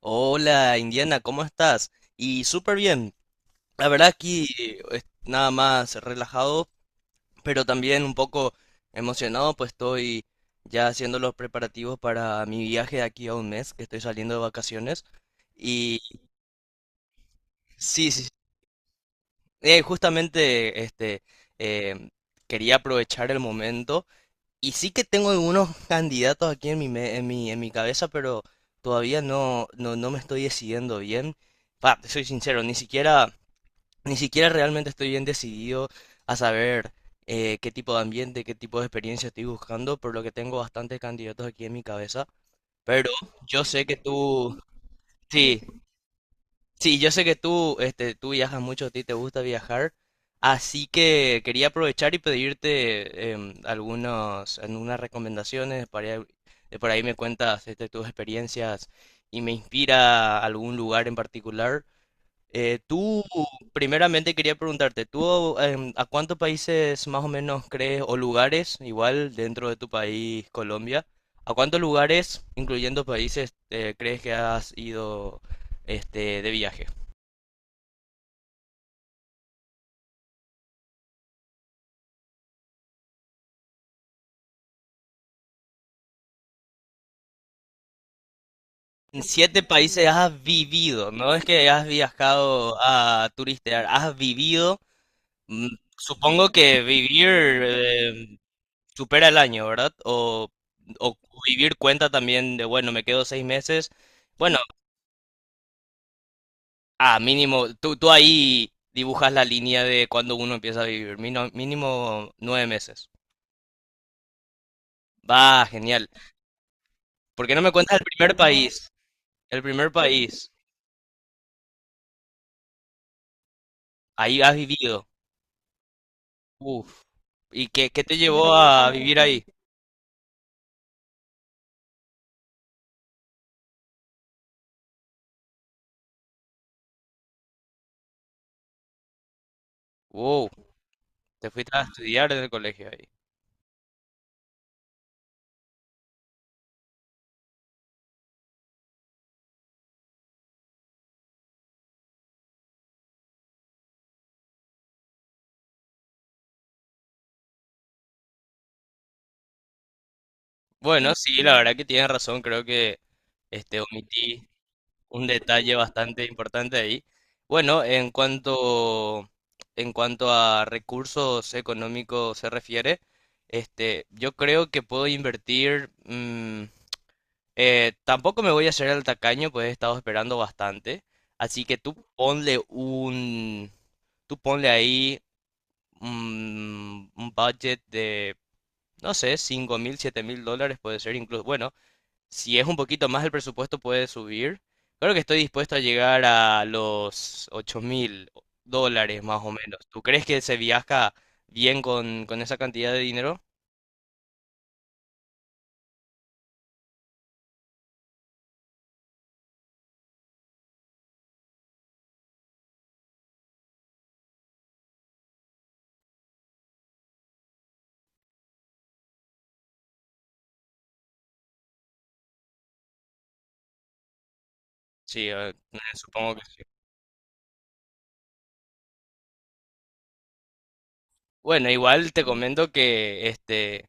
Hola Indiana, ¿cómo estás? Y súper bien. La verdad aquí es nada más relajado, pero también un poco emocionado, pues estoy ya haciendo los preparativos para mi viaje de aquí a un mes, que estoy saliendo de vacaciones. Y sí, sí, justamente este, em, quería aprovechar el momento. Y sí que tengo algunos candidatos aquí en mi, me- en mi cabeza, pero todavía no, no, no me estoy decidiendo bien. Pa, te soy sincero, ni siquiera. Ni siquiera realmente estoy bien decidido a saber qué tipo de ambiente, qué tipo de experiencia estoy buscando, por lo que tengo bastantes candidatos aquí en mi cabeza. Pero yo sé que tú, sí, sí, yo sé que tú, este, tú viajas mucho, a ti te gusta viajar, así que quería aprovechar y pedirte algunas recomendaciones. Por ahí me cuentas este, tus experiencias y me inspira algún lugar en particular. Tú, primeramente quería preguntarte, ¿tú a cuántos países más o menos crees, o lugares, igual dentro de tu país, Colombia, a cuántos lugares, incluyendo países, crees que has ido este, de viaje? En siete países has vivido, no es que has viajado a turistear, has vivido. mm, Supongo que vivir em, supera el año, ¿verdad? O vivir cuenta también de, bueno, me quedo 6 meses. Bueno. Ah, mínimo, tú ahí dibujas la línea de cuando uno empieza a vivir, mínimo 9 meses. Va, genial. ¿Por qué no me cuentas el primer país? El primer país, ahí has vivido. Uf. ¿Y qué te llevó a vivir ahí? Wow, te fuiste a estudiar desde el colegio ahí. Bueno, sí, la verdad que tienes razón, creo que este, omití. Un detalle bastante importante ahí. Bueno, en cuanto a recursos económicos se refiere, este, yo creo que puedo invertir. Tampoco me voy a hacer el tacaño, pues he estado esperando bastante, así que tú ponle ahí un budget de, no sé, 5.000, $7.000 puede ser incluso, bueno, si es un poquito más el presupuesto, puede subir. Creo que estoy dispuesto a llegar a los $8.000 más o menos. ¿Tú crees que se viaja bien con esa cantidad de dinero? Sí, supongo que sí. Bueno, igual te comento que este,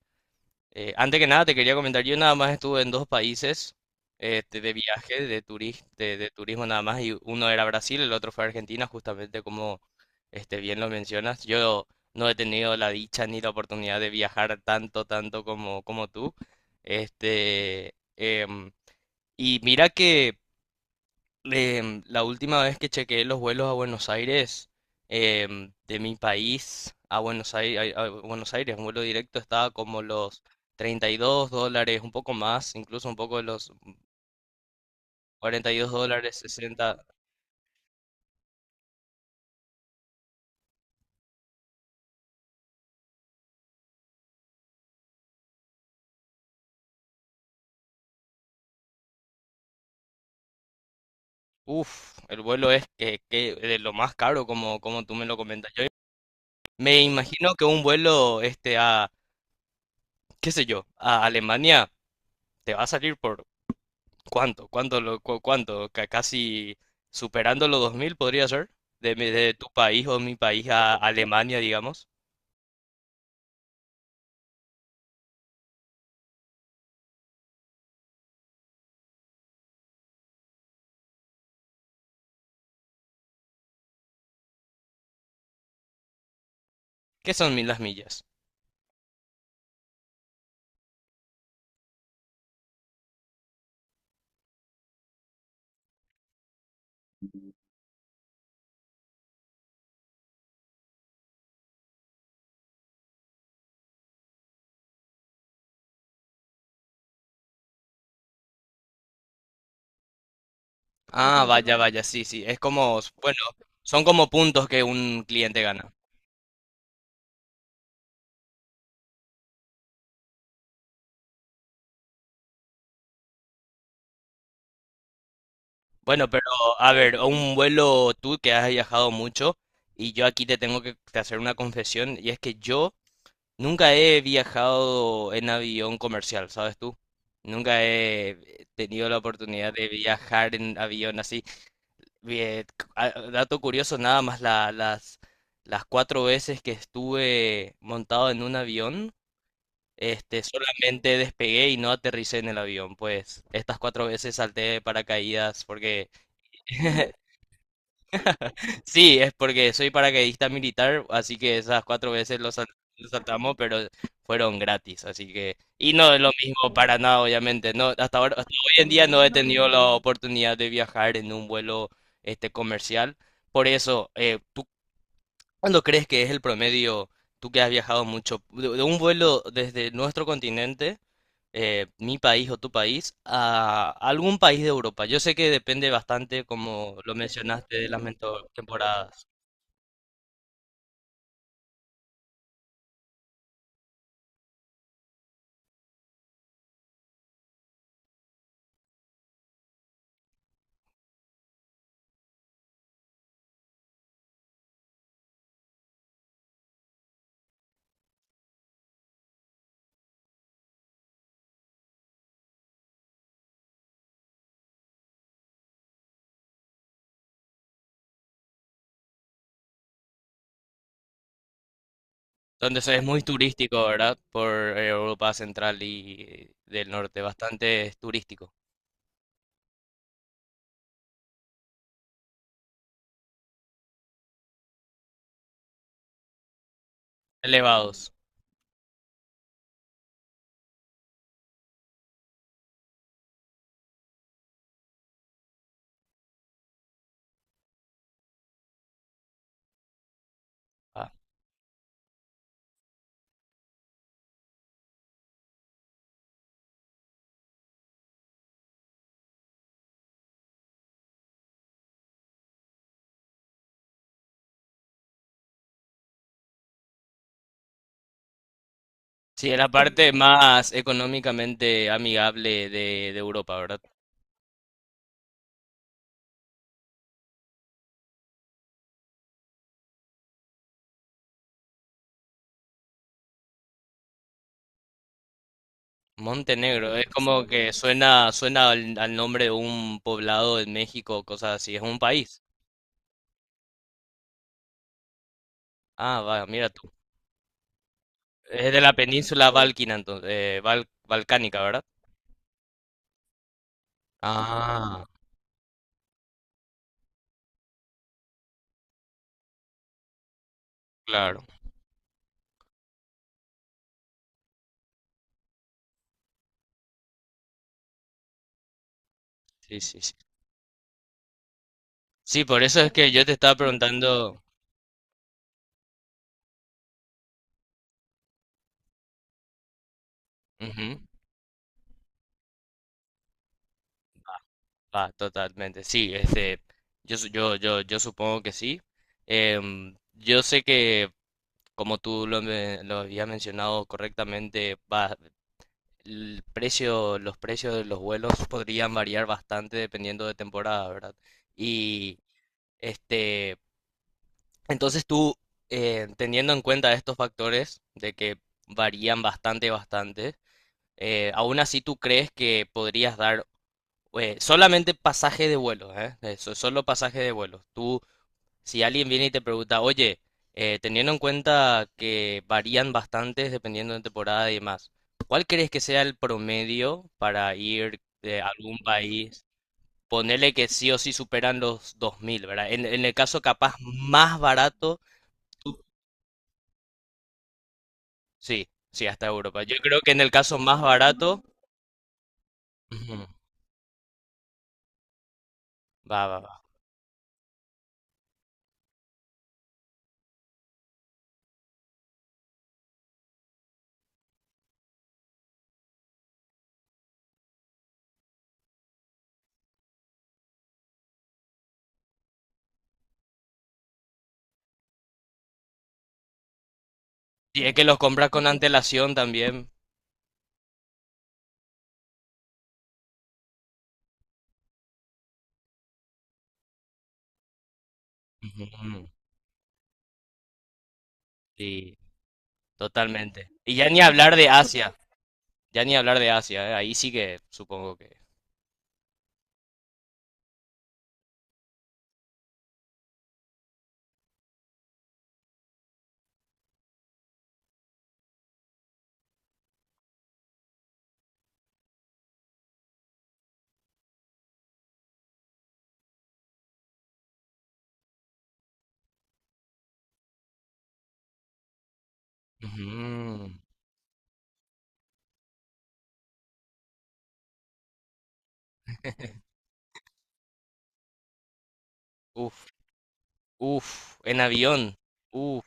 Antes que nada, te quería comentar, yo nada más estuve en dos países este, de viaje, de turismo nada más, y uno era Brasil, el otro fue Argentina, justamente como este, bien lo mencionas. Yo no he tenido la dicha ni la oportunidad de viajar tanto, tanto como tú. Este, em, y mira que la última vez que chequeé los vuelos a Buenos Aires, de mi país a Buenos Aires, a Buenos Aires, un vuelo directo estaba como los $32, un poco más, incluso un poco de los $42, 60. Uf, el vuelo es que de lo más caro, como tú me lo comentas. Yo me imagino que un vuelo este, a, qué sé yo, a Alemania te va a salir por, ¿cuánto? ¿Cuánto? ¿Cuánto? Casi superando los 2.000 podría ser. De tu país o mi país a Alemania, digamos. ¿Qué son mil las millas? Ah, vaya, vaya, sí, sí. Es como, bueno, son como puntos que un cliente gana. Bueno, pero a ver, un vuelo tú que has viajado mucho, y yo aquí te tengo que te hacer una confesión y es que yo nunca he viajado en avión comercial, ¿sabes tú? Nunca he tenido la oportunidad de viajar en avión así. Bien, dato curioso, nada más las cuatro veces que estuve montado en un avión, este, solamente despegué y no aterricé en el avión. Pues estas cuatro veces salté de paracaídas porque sí, es porque soy paracaidista militar, así que esas cuatro veces lo saltamos, pero fueron gratis, así que, y no es lo mismo para nada, obviamente. No, hasta ahora, hasta hoy en día no he tenido la oportunidad de viajar en un vuelo este, comercial. Por eso, ¿tú cuándo crees que es el promedio, tú que has viajado mucho, de un vuelo desde nuestro continente, mi país o tu país, a algún país de Europa? Yo sé que depende bastante, como lo mencionaste, de las temporadas. Donde es muy turístico, ¿verdad? Por Europa Central y del Norte, bastante turístico. Elevados. Ah, sí, es la parte más económicamente amigable de Europa, ¿verdad? Montenegro, es como que suena, suena al nombre de un poblado en México, cosas así, es un país. Ah, va, mira tú. Es de la península balcana, entonces, balcánica, ¿verdad? Ah, claro. Sí, sí, sí. Sí, por eso es que yo te estaba preguntando. Ujú. Ah, totalmente, sí, este, yo supongo que sí. Yo sé que, como tú lo habías mencionado correctamente, va, los precios de los vuelos podrían variar bastante dependiendo de temporada, ¿verdad? Y, este, entonces tú, teniendo en cuenta estos factores de que varían bastante, bastante, aún así tú crees que podrías dar solamente pasaje de vuelo, ¿eh? Eso, solo pasaje de vuelo. Tú, si alguien viene y te pregunta, oye, teniendo en cuenta que varían bastantes dependiendo de temporada y demás, ¿cuál crees que sea el promedio para ir de algún país? Ponerle que sí o sí superan los 2.000, ¿verdad? En el caso capaz más barato, tú- sí, sí, hasta Europa. Yo creo que en el caso más barato, ujú, va, va, va. Y es que los compras con antelación también. Ujú, sí. Totalmente. Y ya ni hablar de Asia, ya ni hablar de Asia, ahí sí que supongo que. Ujú. Uf, uf, en avión, uf,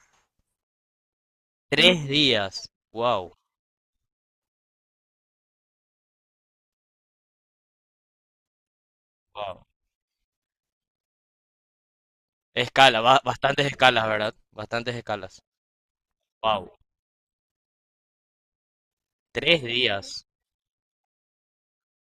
3 días, wow, wow. Bastantes escalas, ¿verdad? Bastantes escalas, wow, 3 días.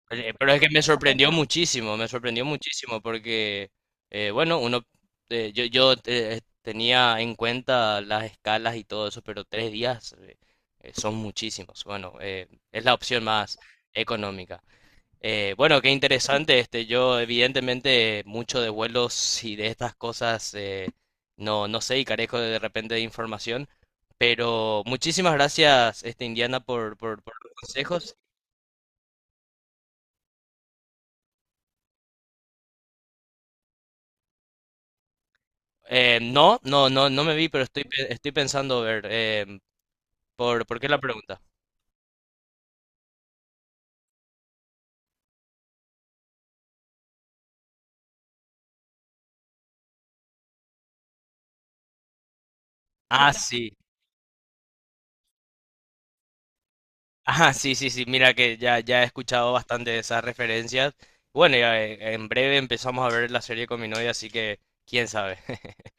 Pues, pero es que me sorprendió muchísimo porque, bueno, uno, yo tenía en cuenta las escalas y todo eso, pero 3 días son muchísimos. Bueno, es la opción más económica. Bueno, qué interesante, este, yo evidentemente mucho de vuelos y de estas cosas no, no sé y carezco de repente de información, pero muchísimas gracias, este, Indiana, por los consejos. No, no, no, no me vi, pero estoy pensando ver. ¿Por qué la pregunta? Ah, sí. Ah, sí, sí, sí. Mira que ya, ya he escuchado bastante de esas referencias. Bueno, ya, en breve empezamos a ver la serie con mi novia, así que quién sabe. Pero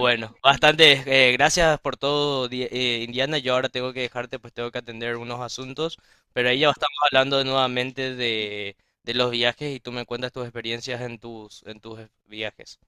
bueno, bastante. Gracias por todo, Indiana. Yo ahora tengo que dejarte, pues tengo que atender unos asuntos. Pero ahí ya estamos hablando nuevamente de los viajes y tú me cuentas tus experiencias en tus viajes.